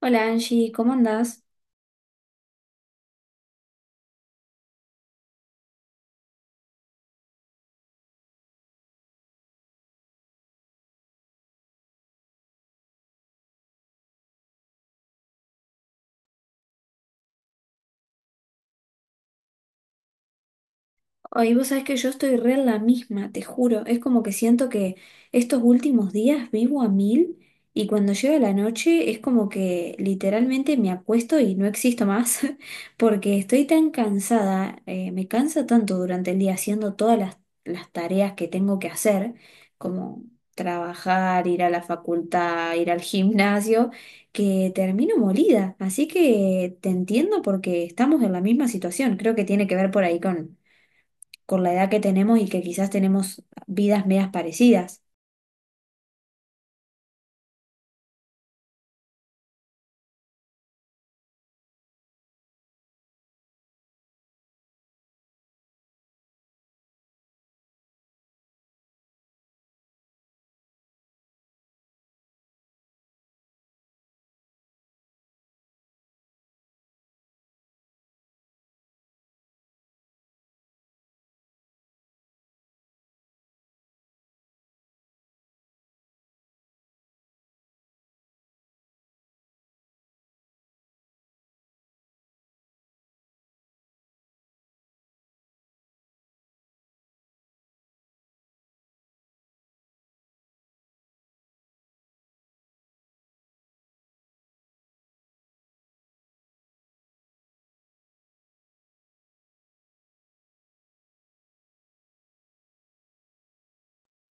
Hola Angie, ¿cómo andás? Ay, vos sabés que yo estoy re en la misma, te juro. Es como que siento que estos últimos días vivo a mil y cuando llega la noche es como que literalmente me acuesto y no existo más porque estoy tan cansada, me cansa tanto durante el día haciendo todas las tareas que tengo que hacer, como trabajar, ir a la facultad, ir al gimnasio, que termino molida. Así que te entiendo porque estamos en la misma situación. Creo que tiene que ver por ahí con la edad que tenemos y que quizás tenemos vidas medias parecidas.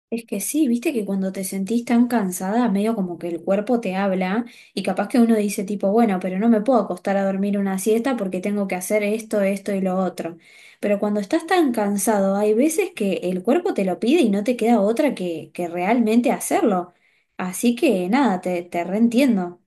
Es que sí, viste que cuando te sentís tan cansada, medio como que el cuerpo te habla y capaz que uno dice tipo, bueno, pero no me puedo acostar a dormir una siesta porque tengo que hacer esto, esto y lo otro. Pero cuando estás tan cansado, hay veces que el cuerpo te lo pide y no te queda otra que realmente hacerlo. Así que nada, te reentiendo.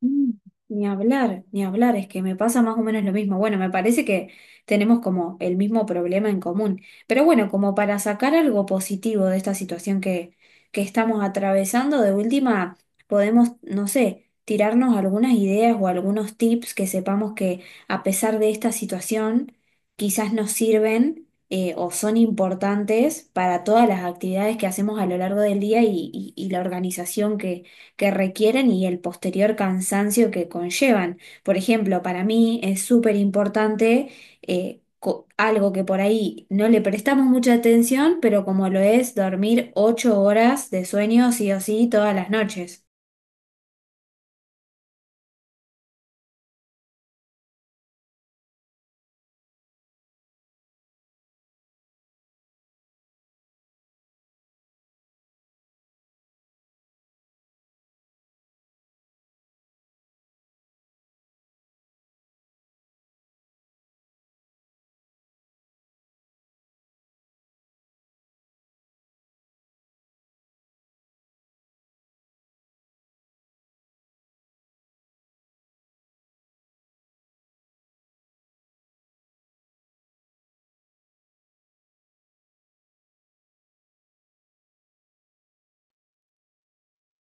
Mm, ni hablar, ni hablar, es que me pasa más o menos lo mismo. Bueno, me parece que tenemos como el mismo problema en común. Pero bueno, como para sacar algo positivo de esta situación que estamos atravesando, de última podemos, no sé, tirarnos algunas ideas o algunos tips que sepamos que a pesar de esta situación, quizás nos sirven, o son importantes para todas las actividades que hacemos a lo largo del día y la organización que requieren y el posterior cansancio que conllevan. Por ejemplo, para mí es súper importante, algo que por ahí no le prestamos mucha atención, pero como lo es dormir 8 horas de sueño sí o sí todas las noches.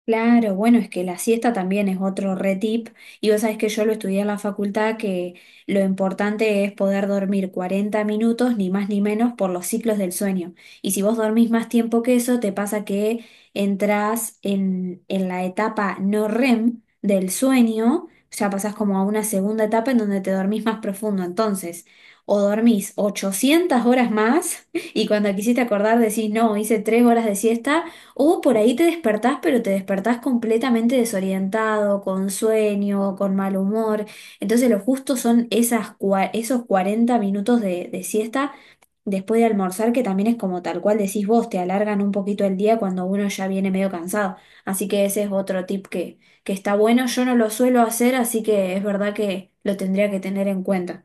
Claro, bueno, es que la siesta también es otro re tip y vos sabés que yo lo estudié en la facultad que lo importante es poder dormir 40 minutos, ni más ni menos, por los ciclos del sueño. Y si vos dormís más tiempo que eso, te pasa que entrás en la etapa no REM del sueño, ya pasás como a una segunda etapa en donde te dormís más profundo. Entonces, o dormís 800 horas más y cuando quisiste acordar decís, no, hice 3 horas de siesta o por ahí te despertás, pero te despertás completamente desorientado, con sueño, con mal humor. Entonces lo justo son esos 40 minutos de siesta después de almorzar, que también es como tal cual decís vos, te alargan un poquito el día cuando uno ya viene medio cansado. Así que ese es otro tip que está bueno. Yo no lo suelo hacer, así que es verdad que lo tendría que tener en cuenta.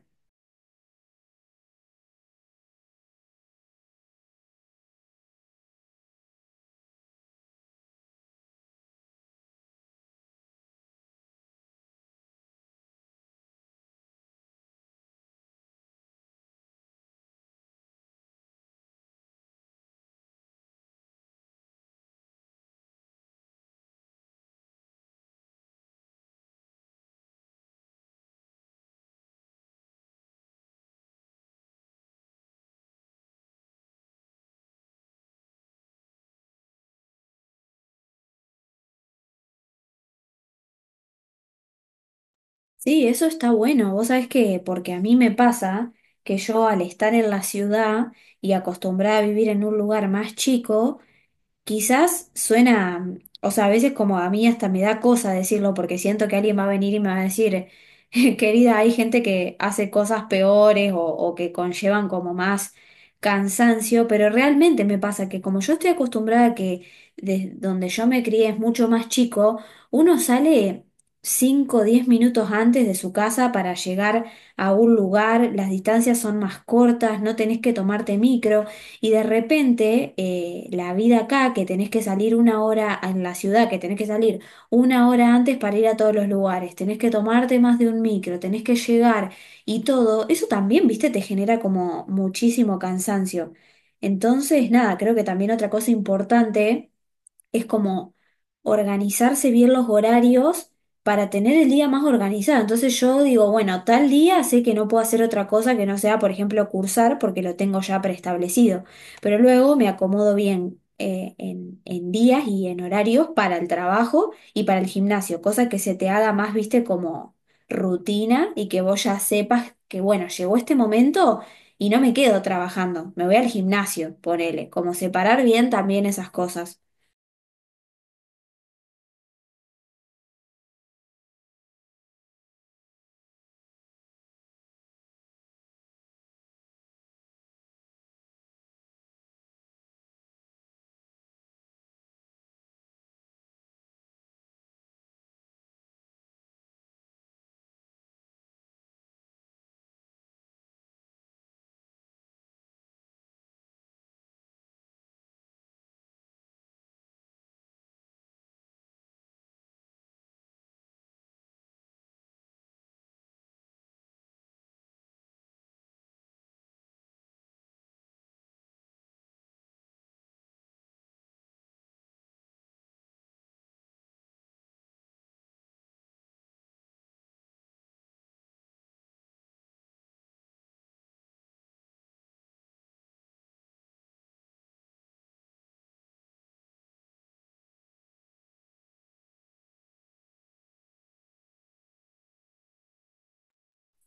Sí, eso está bueno. Vos sabés que, porque a mí me pasa que yo al estar en la ciudad y acostumbrada a vivir en un lugar más chico, quizás suena, o sea, a veces como a mí hasta me da cosa decirlo porque siento que alguien va a venir y me va a decir, querida, hay gente que hace cosas peores o que conllevan como más cansancio, pero realmente me pasa que como yo estoy acostumbrada a que de donde yo me crié es mucho más chico, uno sale 5, o 10 minutos antes de su casa para llegar a un lugar, las distancias son más cortas, no tenés que tomarte micro. Y de repente, la vida acá, que tenés que salir una hora en la ciudad, que tenés que salir una hora antes para ir a todos los lugares, tenés que tomarte más de un micro, tenés que llegar y todo, eso también, viste, te genera como muchísimo cansancio. Entonces, nada, creo que también otra cosa importante es como organizarse bien los horarios para tener el día más organizado. Entonces yo digo, bueno, tal día sé que no puedo hacer otra cosa que no sea, por ejemplo, cursar porque lo tengo ya preestablecido, pero luego me acomodo bien, en días y en horarios para el trabajo y para el gimnasio, cosa que se te haga más, viste, como rutina y que vos ya sepas que, bueno, llegó este momento y no me quedo trabajando, me voy al gimnasio, ponele, como separar bien también esas cosas.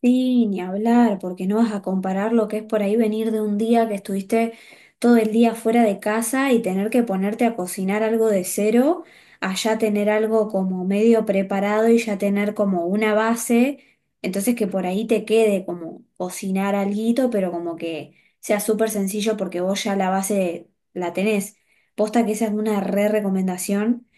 Sí, ni hablar, porque no vas a comparar lo que es por ahí venir de un día que estuviste todo el día fuera de casa y tener que ponerte a cocinar algo de cero, a ya tener algo como medio preparado y ya tener como una base, entonces que por ahí te quede como cocinar alguito, pero como que sea súper sencillo porque vos ya la base la tenés. Posta que esa es una re recomendación.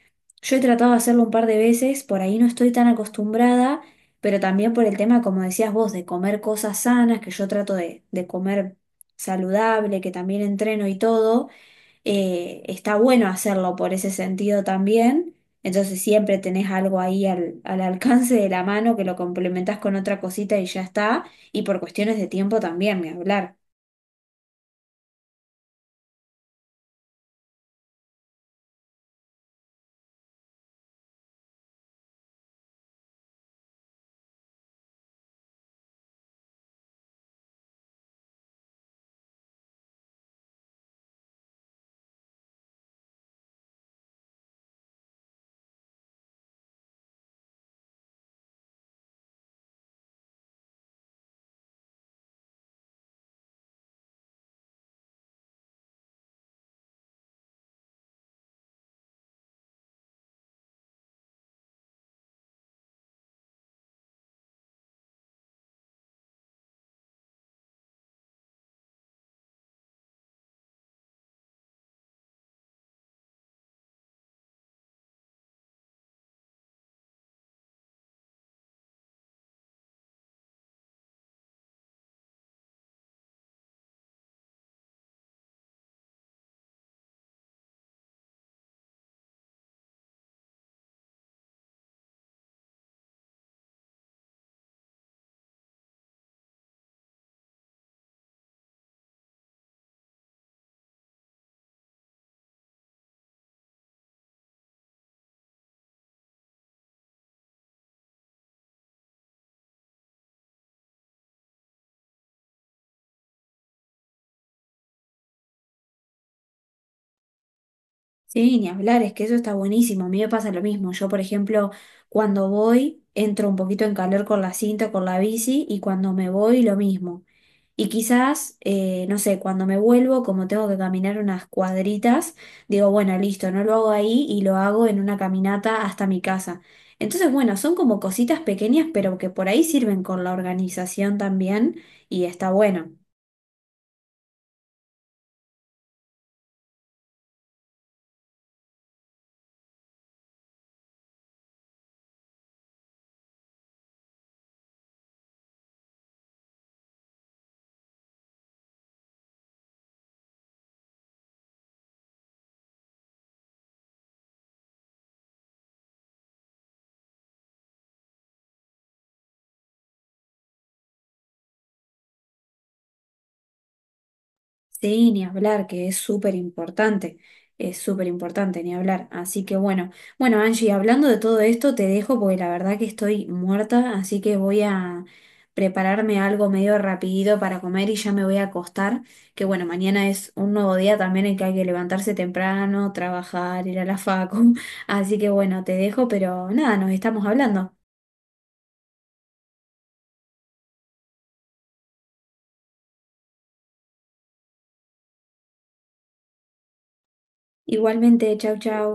Yo he tratado de hacerlo un par de veces, por ahí no estoy tan acostumbrada, pero también por el tema, como decías vos, de comer cosas sanas, que yo trato de comer saludable, que también entreno y todo, está bueno hacerlo por ese sentido también. Entonces siempre tenés algo ahí al alcance de la mano que lo complementás con otra cosita y ya está. Y por cuestiones de tiempo también, ni hablar. Sí, ni hablar, es que eso está buenísimo. A mí me pasa lo mismo. Yo, por ejemplo, cuando voy, entro un poquito en calor con la cinta, con la bici, y cuando me voy, lo mismo. Y quizás, no sé, cuando me vuelvo, como tengo que caminar unas cuadritas, digo, bueno, listo, no lo hago ahí y lo hago en una caminata hasta mi casa. Entonces, bueno, son como cositas pequeñas, pero que por ahí sirven con la organización también, y está bueno. Sí, ni hablar, que es súper importante, ni hablar. Así que bueno, bueno, Angie, hablando de todo esto, te dejo porque la verdad que estoy muerta, así que voy a prepararme algo medio rapidito para comer y ya me voy a acostar, que bueno, mañana es un nuevo día también en que hay que levantarse temprano, trabajar, ir a la facu. Así que bueno, te dejo, pero nada, nos estamos hablando. Igualmente, chau, chau.